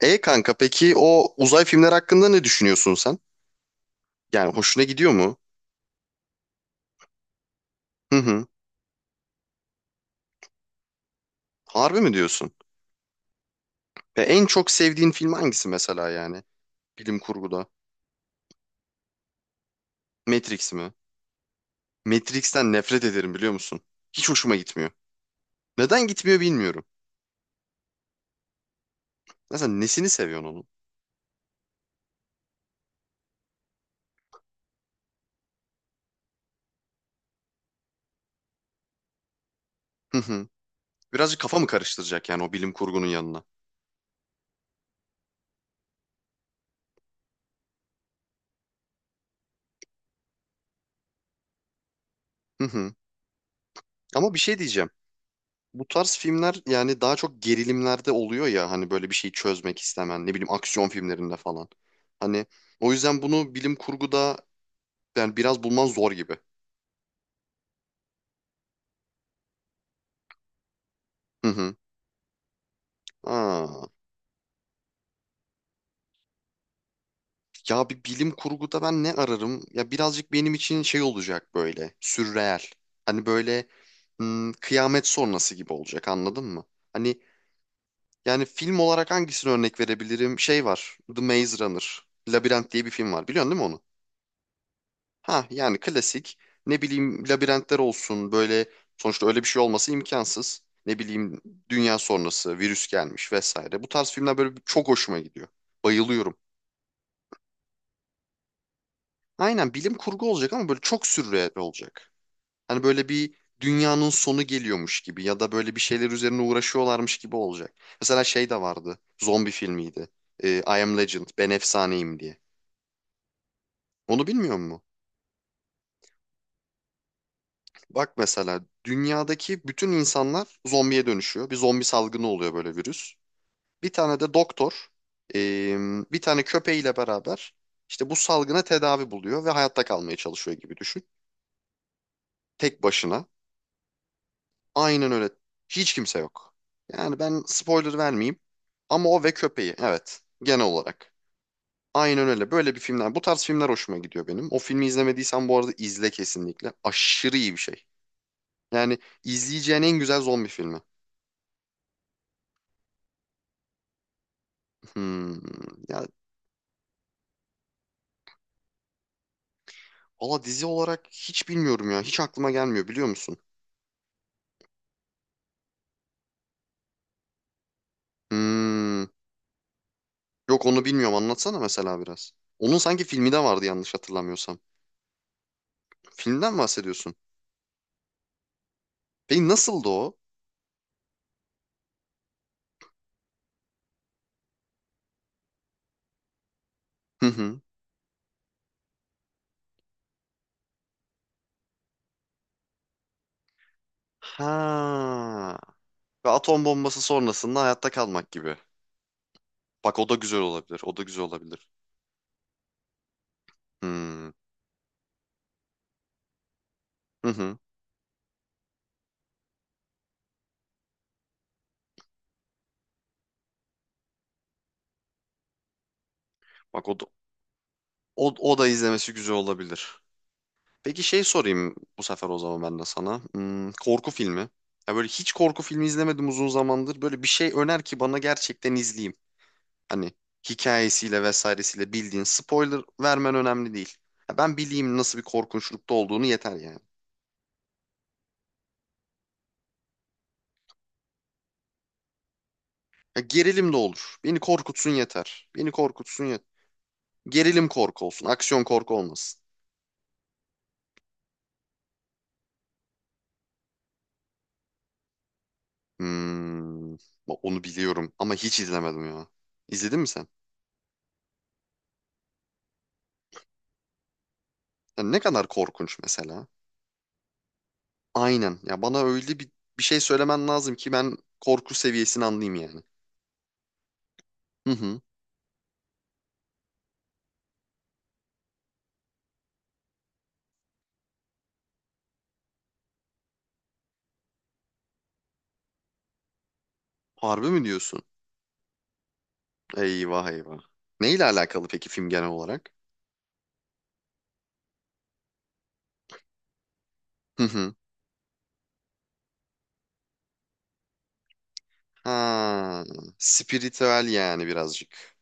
E kanka peki o uzay filmler hakkında ne düşünüyorsun sen? Yani hoşuna gidiyor mu? Hı hı. Harbi mi diyorsun? Ve en çok sevdiğin film hangisi mesela yani? Bilim kurguda. Matrix mi? Matrix'ten nefret ederim biliyor musun? Hiç hoşuma gitmiyor. Neden gitmiyor bilmiyorum. Mesela nesini seviyorsun onun? Hı hı. Birazcık kafa mı karıştıracak yani o bilim kurgunun yanına? Hı hı. Ama bir şey diyeceğim. Bu tarz filmler yani daha çok gerilimlerde oluyor ya hani böyle bir şeyi çözmek istemen ne bileyim aksiyon filmlerinde falan. Hani o yüzden bunu bilim kurguda yani biraz bulman zor gibi. Hı hı. Aa. Ya bir bilim kurguda ben ne ararım? Ya birazcık benim için şey olacak böyle sürreel. Hani böyle kıyamet sonrası gibi olacak anladın mı? Hani yani film olarak hangisini örnek verebilirim? Şey var The Maze Runner. Labirent diye bir film var biliyorsun değil mi onu? Ha yani klasik ne bileyim labirentler olsun böyle sonuçta öyle bir şey olması imkansız. Ne bileyim dünya sonrası virüs gelmiş vesaire. Bu tarz filmler böyle çok hoşuma gidiyor. Bayılıyorum. Aynen bilim kurgu olacak ama böyle çok sürreal olacak. Hani böyle bir dünyanın sonu geliyormuş gibi ya da böyle bir şeyler üzerine uğraşıyorlarmış gibi olacak. Mesela şey de vardı. Zombi filmiydi. I Am Legend, Ben Efsaneyim diye. Onu bilmiyor musun? Bak mesela dünyadaki bütün insanlar zombiye dönüşüyor. Bir zombi salgını oluyor böyle virüs. Bir tane de doktor eee, bir tane köpeğiyle beraber işte bu salgına tedavi buluyor ve hayatta kalmaya çalışıyor gibi düşün. Tek başına. Aynen öyle. Hiç kimse yok. Yani ben spoiler vermeyeyim. Ama o ve köpeği evet genel olarak. Aynen öyle. Böyle bir filmler. Bu tarz filmler hoşuma gidiyor benim. O filmi izlemediysen bu arada izle kesinlikle. Aşırı iyi bir şey. Yani izleyeceğin en güzel zombi filmi. Hmm. Ya valla dizi olarak hiç bilmiyorum ya. Hiç aklıma gelmiyor biliyor musun? Hmm. Yok onu bilmiyorum. Anlatsana mesela biraz. Onun sanki filmi de vardı yanlış hatırlamıyorsam. Filmden mi bahsediyorsun? Peki nasıldı o? Hı hı. Ha. Ve atom bombası sonrasında hayatta kalmak gibi. Bak o da güzel olabilir. O da güzel olabilir. Hmm. Hı hı. Bak o da, o, o da izlemesi güzel olabilir. Peki şey sorayım bu sefer o zaman ben de sana. Korku filmi. Ya böyle hiç korku filmi izlemedim uzun zamandır. Böyle bir şey öner ki bana gerçekten izleyeyim. Hani hikayesiyle vesairesiyle bildiğin spoiler vermen önemli değil. Ya ben bileyim nasıl bir korkunçlukta olduğunu yeter yani. Ya gerilim de olur. Beni korkutsun yeter. Beni korkutsun yeter. Gerilim korku olsun. Aksiyon korku olmasın. Bak onu biliyorum ama hiç izlemedim ya. İzledin mi sen? Ya ne kadar korkunç mesela? Aynen. Ya bana öyle bir şey söylemen lazım ki ben korku seviyesini anlayayım yani. Hı hı. Harbi mi diyorsun? Eyvah eyvah. Neyle alakalı peki film genel olarak? Hı hı. Ha, spiritüel yani birazcık.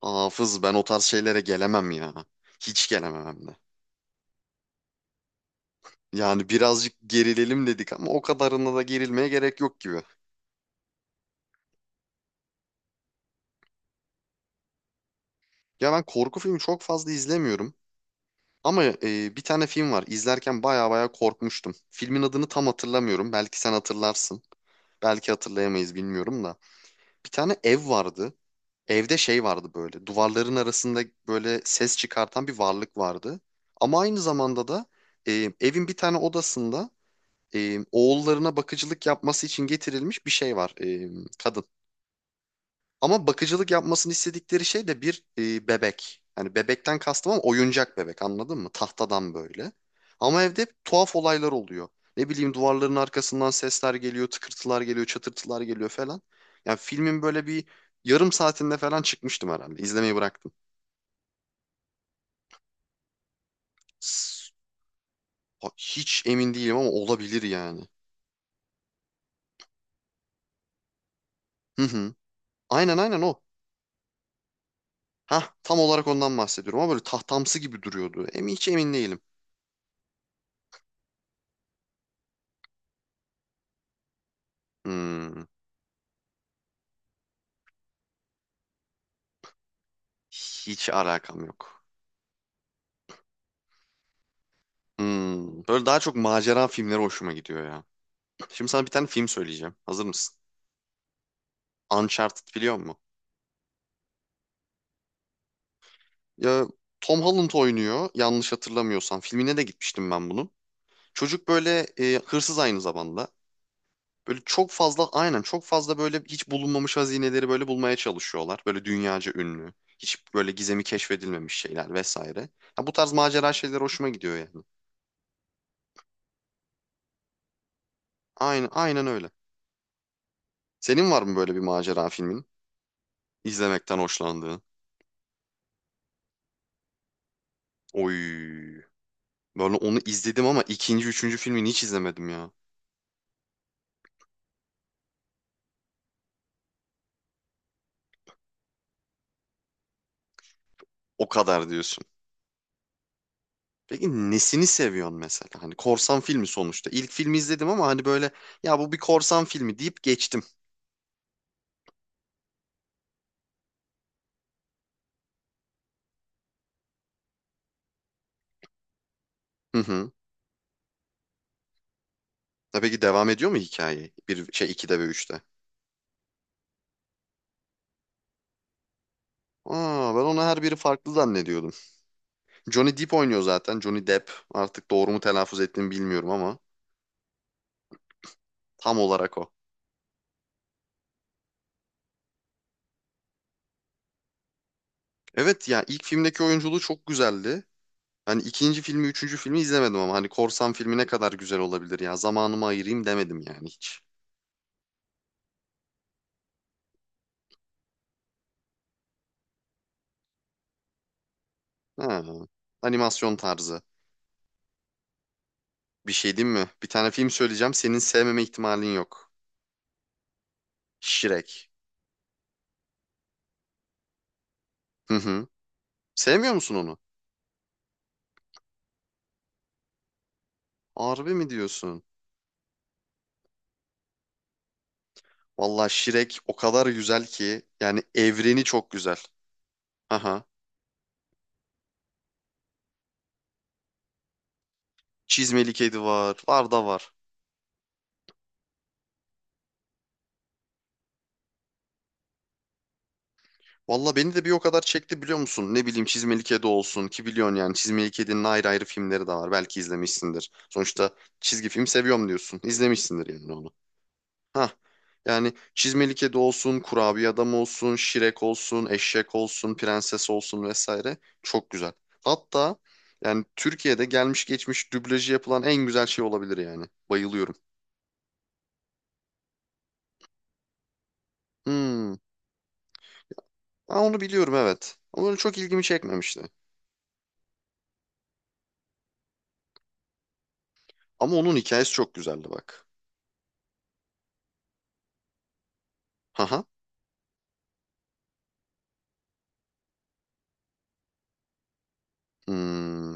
Hafız ben o tarz şeylere gelemem ya. Hiç gelemem hem de. Yani birazcık gerilelim dedik ama o kadarına da gerilmeye gerek yok gibi. Ya ben korku filmi çok fazla izlemiyorum. Ama bir tane film var. İzlerken baya baya korkmuştum. Filmin adını tam hatırlamıyorum. Belki sen hatırlarsın. Belki hatırlayamayız bilmiyorum da. Bir tane ev vardı. Evde şey vardı böyle. Duvarların arasında böyle ses çıkartan bir varlık vardı. Ama aynı zamanda da evin bir tane odasında oğullarına bakıcılık yapması için getirilmiş bir şey var. Kadın. Ama bakıcılık yapmasını istedikleri şey de bir bebek. Hani bebekten kastım ama oyuncak bebek anladın mı? Tahtadan böyle. Ama evde hep tuhaf olaylar oluyor. Ne bileyim duvarların arkasından sesler geliyor, tıkırtılar geliyor, çatırtılar geliyor falan. Yani filmin böyle bir yarım saatinde falan çıkmıştım herhalde. İzlemeyi bıraktım. S- Hiç emin değilim ama olabilir yani. Hı hı. Aynen o. Hah tam olarak ondan bahsediyorum ama böyle tahtamsı gibi duruyordu. Hiç emin değilim. Hmm, hiç alakam yok. Böyle daha çok macera filmleri hoşuma gidiyor ya. Şimdi sana bir tane film söyleyeceğim. Hazır mısın? Uncharted biliyor musun? Ya, Tom Holland oynuyor yanlış hatırlamıyorsam. Filmine de gitmiştim ben bunun. Çocuk böyle hırsız aynı zamanda. Böyle çok fazla böyle hiç bulunmamış hazineleri böyle bulmaya çalışıyorlar. Böyle dünyaca ünlü. Hiç böyle gizemi keşfedilmemiş şeyler vesaire. Ha, bu tarz macera şeyler hoşuma gidiyor yani. Aynen öyle. Senin var mı böyle bir macera filmin? İzlemekten hoşlandığın? Oy. Böyle onu izledim ama ikinci, üçüncü filmini hiç izlemedim ya. O kadar diyorsun. Peki nesini seviyorsun mesela? Hani korsan filmi sonuçta. İlk filmi izledim ama hani böyle ya bu bir korsan filmi deyip geçtim. Hı hı. Ya peki devam ediyor mu hikaye? Bir şey 2'de ve üçte? Aa ben onu her biri farklı zannediyordum. Johnny Depp oynuyor zaten. Johnny Depp. Artık doğru mu telaffuz ettiğimi bilmiyorum ama tam olarak o. Evet ya ilk filmdeki oyunculuğu çok güzeldi. Hani ikinci filmi, üçüncü filmi izlemedim ama hani korsan filmi ne kadar güzel olabilir ya. Zamanımı ayırayım demedim yani hiç. Ha, animasyon tarzı. Bir şey diyeyim mi? Bir tane film söyleyeceğim. Senin sevmeme ihtimalin yok. Shrek. Hı hı. Sevmiyor musun onu? Harbi mi diyorsun? Valla Shrek o kadar güzel ki. Yani evreni çok güzel. Aha. Çizmeli Kedi var. Var da var. Valla beni de bir o kadar çekti biliyor musun? Ne bileyim Çizmeli Kedi olsun ki biliyorsun yani Çizmeli Kedi'nin ayrı ayrı filmleri de var. Belki izlemişsindir. Sonuçta çizgi film seviyorum diyorsun. İzlemişsindir yani onu. Ha yani Çizmeli Kedi olsun, Kurabiye Adam olsun, Şirek olsun, Eşek olsun, Prenses olsun vesaire çok güzel. Hatta yani Türkiye'de gelmiş geçmiş dublajı yapılan en güzel şey olabilir yani. Bayılıyorum. Hmm. Ha, onu biliyorum evet. Ama öyle çok ilgimi çekmemişti. Ama onun hikayesi çok güzeldi bak. Haha. Hmm.